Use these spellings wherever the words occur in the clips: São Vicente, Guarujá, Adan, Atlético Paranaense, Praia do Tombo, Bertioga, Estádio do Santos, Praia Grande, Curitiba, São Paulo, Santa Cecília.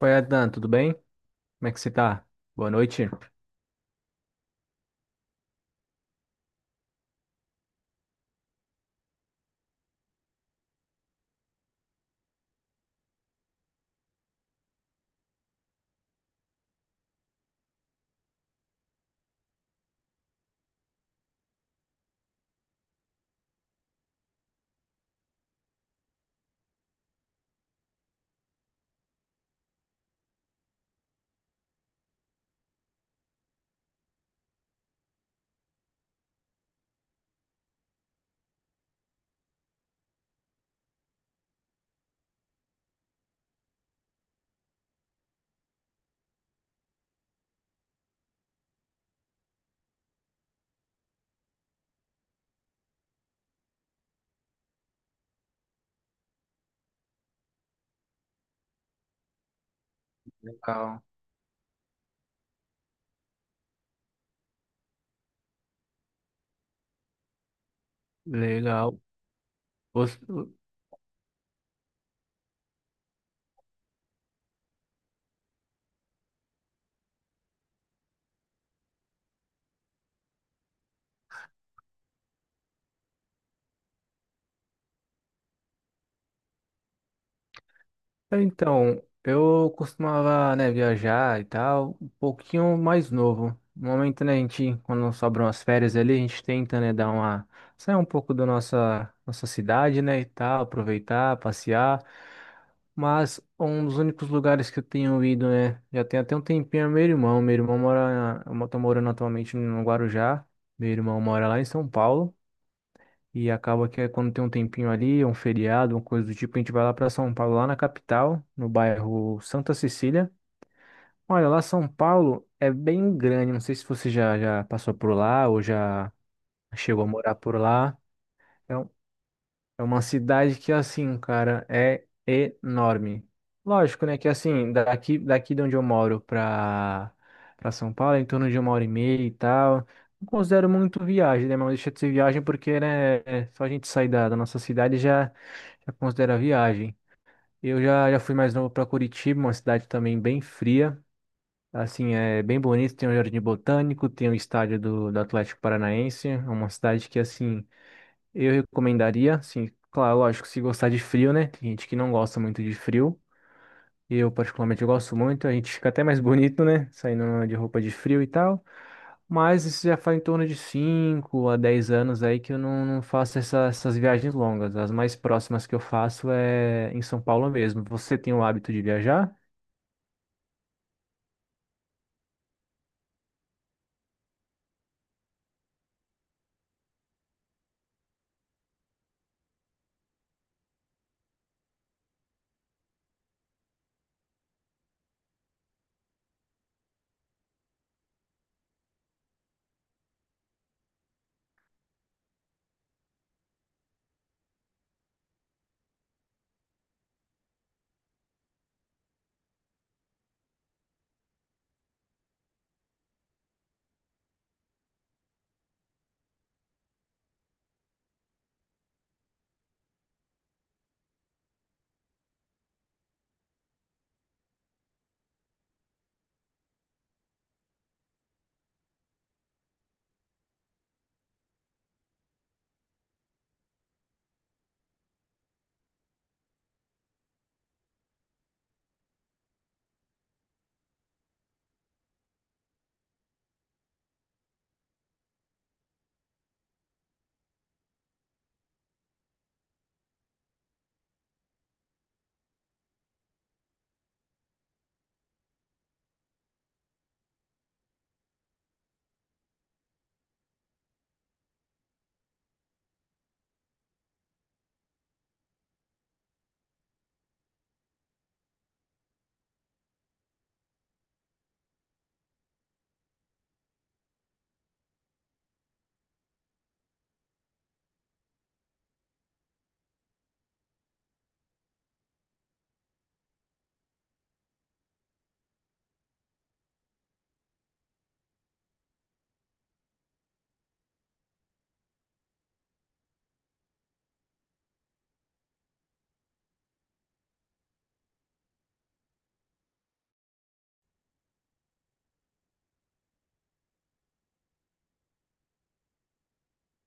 Oi, Adan, tudo bem? Como é que você tá? Boa noite. Então, legal. Você- Então, eu costumava, né, viajar e tal, um pouquinho mais novo. No momento, né, a gente, quando sobram as férias ali, a gente tenta, né, dar uma... sair um pouco da nossa cidade, né, e tal, aproveitar, passear. Mas um dos únicos lugares que eu tenho ido, né, já tem até um tempinho, é meu irmão. Meu irmão mora, tá morando atualmente no Guarujá. Meu irmão mora lá em São Paulo. E acaba que é quando tem um tempinho ali, um feriado, uma coisa do tipo, a gente vai lá para São Paulo, lá na capital, no bairro Santa Cecília. Olha, lá São Paulo é bem grande, não sei se você já passou por lá ou já chegou a morar por lá. É é uma cidade que, assim, cara, é enorme. Lógico, né? Que, assim, daqui de onde eu moro pra, pra São Paulo, é em torno de 1 hora e meia e tal. Não considero muito viagem, né? Mas deixa de ser viagem porque, né? Só a gente sair da, da nossa cidade já, já considera viagem. Eu já fui mais novo pra Curitiba, uma cidade também bem fria. Assim, é bem bonito. Tem um jardim botânico, tem o estádio do Atlético Paranaense. É uma cidade que, assim. Eu recomendaria, assim, claro, lógico, se gostar de frio, né? Tem gente que não gosta muito de frio. Eu, particularmente, eu gosto muito. A gente fica até mais bonito, né? Saindo de roupa de frio e tal. Mas isso já faz em torno de 5 a 10 anos aí que eu não faço essas viagens longas. As mais próximas que eu faço é em São Paulo mesmo. Você tem o hábito de viajar?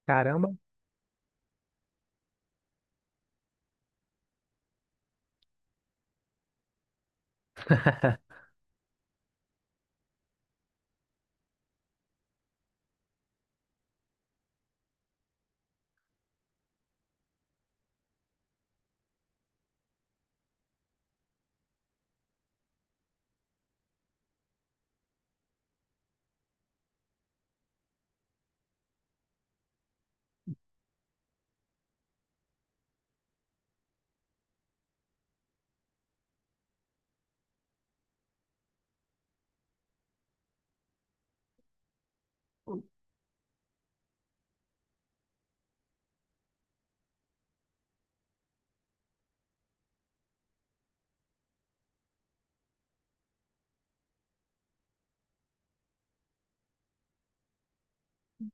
Caramba.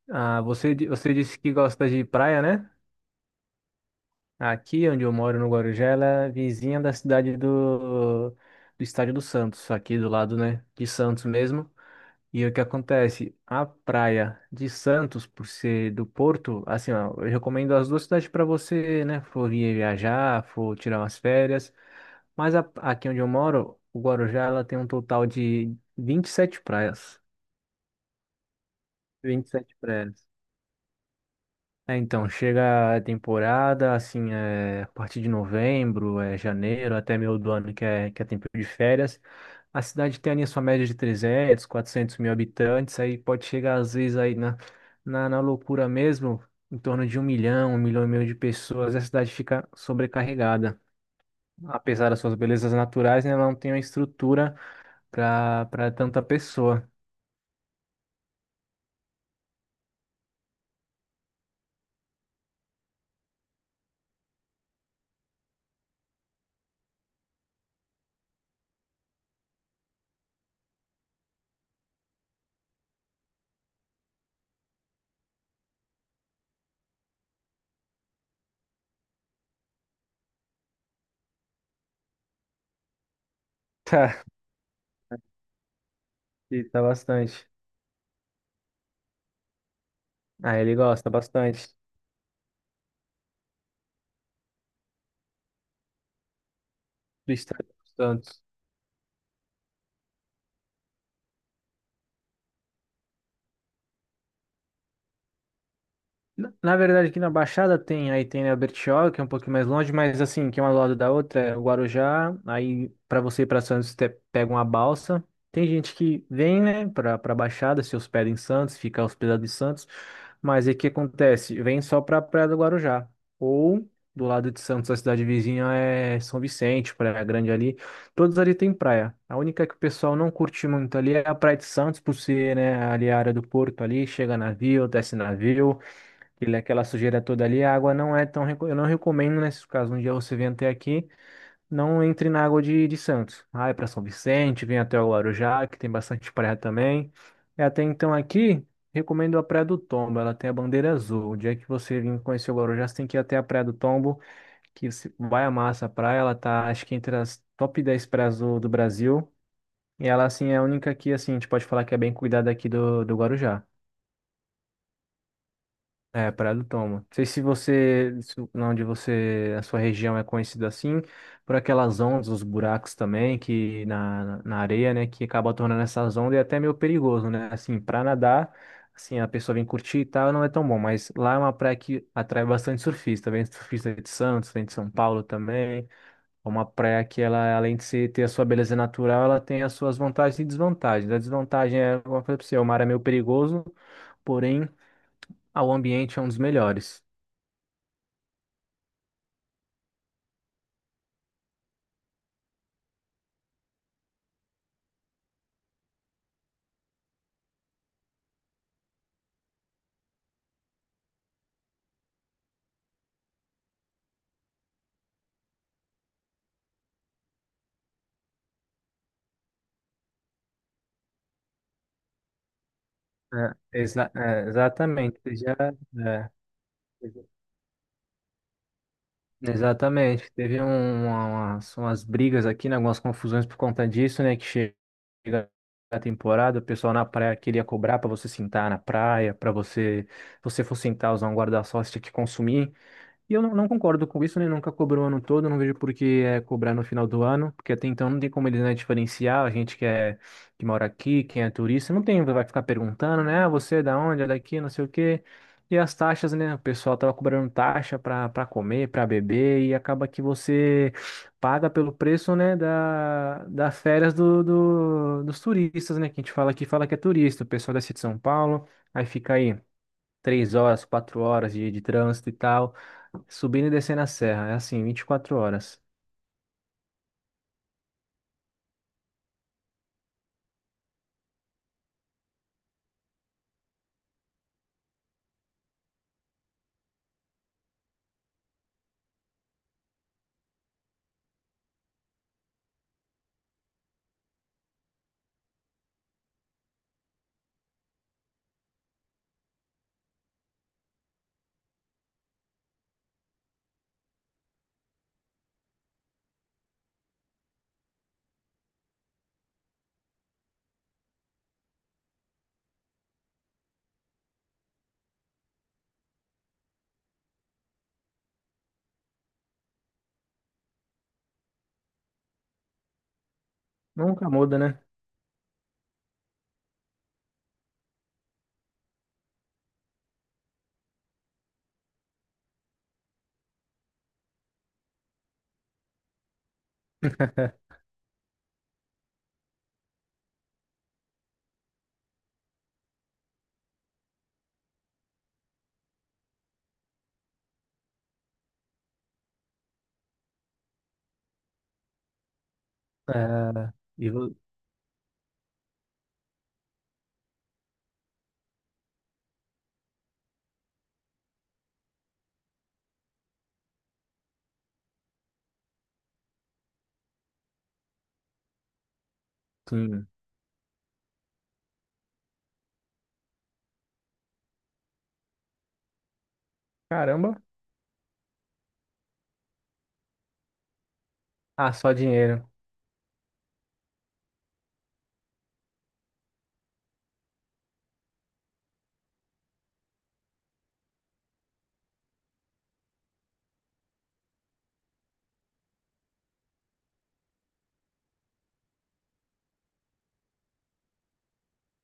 Ah, você, você disse que gosta de praia, né? Aqui onde eu moro, no Guarujá, ela é vizinha da cidade do Estádio do Santos, aqui do lado, né, de Santos mesmo. E o que acontece? A praia de Santos, por ser do Porto, assim, ó, eu recomendo as duas cidades para você, né, for vir viajar, for tirar umas férias. Mas aqui onde eu moro, o Guarujá, ela tem um total de 27 praias. 27 praias. É, então, chega a temporada, assim, é, a partir de novembro, é, janeiro, até meio do ano, que é tempo de férias. A cidade tem ali a sua média de 300, 400 mil habitantes, aí pode chegar às vezes aí na, na loucura mesmo, em torno de 1 milhão, 1 milhão e meio de pessoas, e a cidade fica sobrecarregada. Apesar das suas belezas naturais, né, ela não tem uma estrutura para tanta pessoa. Tá, e tá bastante. Ah, ele gosta bastante do estado. Do Santos. Na na verdade, aqui na Baixada tem, aí tem né, a Bertioga, que é um pouquinho mais longe, mas assim, que é uma do lado da outra, é o Guarujá, aí para você ir para Santos, você pega uma balsa. Tem gente que vem, né, para Baixada, se hospeda em Santos, fica hospedado em Santos, mas aí o que acontece? Vem só para Praia do Guarujá, ou do lado de Santos, a cidade vizinha é São Vicente, Praia Grande ali, todos ali tem praia. A única que o pessoal não curte muito ali é a Praia de Santos, por ser, né, ali a área do porto ali, chega navio, desce navio, ele, é aquela sujeira toda ali, a água não é tão. Eu não recomendo nesses casos. Um dia você vem até aqui, não entre na água de Santos. Ah, é para São Vicente, vem até o Guarujá, que tem bastante praia também. E até então aqui, recomendo a Praia do Tombo. Ela tem a bandeira azul. O dia que você vir conhecer o Guarujá, você tem que ir até a Praia do Tombo, que você vai amar essa praia. Ela tá, acho que entre as top 10 praias do Brasil. E ela, assim, é a única que, assim, a gente pode falar que é bem cuidada aqui do Guarujá. É, Praia do Tomo. Não sei se você, onde você, a sua região é conhecida assim, por aquelas ondas, os buracos também, que na, na areia, né, que acaba tornando essas ondas e é até meio perigoso, né? Assim, pra nadar, assim, a pessoa vem curtir e tal, não é tão bom, mas lá é uma praia que atrai bastante surfista, vem surfista de Santos, vem de São Paulo também. É uma praia que ela, além de ter a sua beleza natural, ela tem as suas vantagens e desvantagens. A desvantagem é, como eu falei pra você, o mar é meio perigoso, porém. Ah, o ambiente é um dos melhores. É, exatamente. Você já, é, exatamente. Teve umas brigas aqui, né, algumas confusões por conta disso, né? Que chega a temporada, o pessoal na praia queria cobrar para você sentar na praia, para você, se você for sentar, usar um guarda-sol, você tinha que consumir. E eu não concordo com isso, né? Nunca cobrou o ano todo, não vejo por que é cobrar no final do ano, porque até então não tem como eles, né, diferenciar a gente que é que mora aqui, quem é turista, não tem, vai ficar perguntando, né? Ah, você é da onde? É daqui, não sei o quê. E as taxas, né? O pessoal tava cobrando taxa para comer, para beber, e acaba que você paga pelo preço, né, da, das férias do, dos turistas, né? Que a gente fala aqui, fala que é turista, o pessoal desce de São Paulo, aí fica aí 3 horas, 4 horas de trânsito e tal, subindo e descendo a serra. É assim, 24 horas. Nunca muda, né? É, e vo- sim. Caramba. Ah, só dinheiro.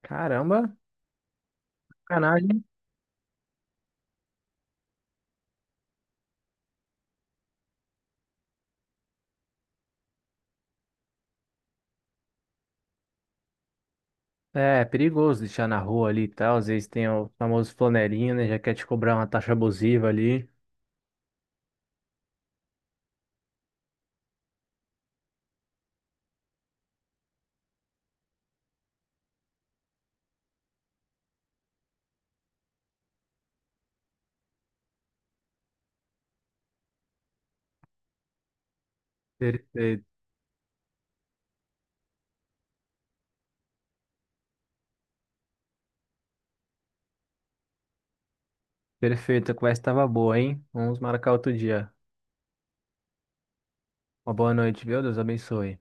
Caramba, sacanagem. É, é perigoso deixar na rua ali e tal. Às vezes tem o famoso flanelinha, né? Já quer te cobrar uma taxa abusiva ali. Perfeito. Perfeito, a conversa estava boa, hein? Vamos marcar outro dia. Uma boa noite, viu? Deus abençoe.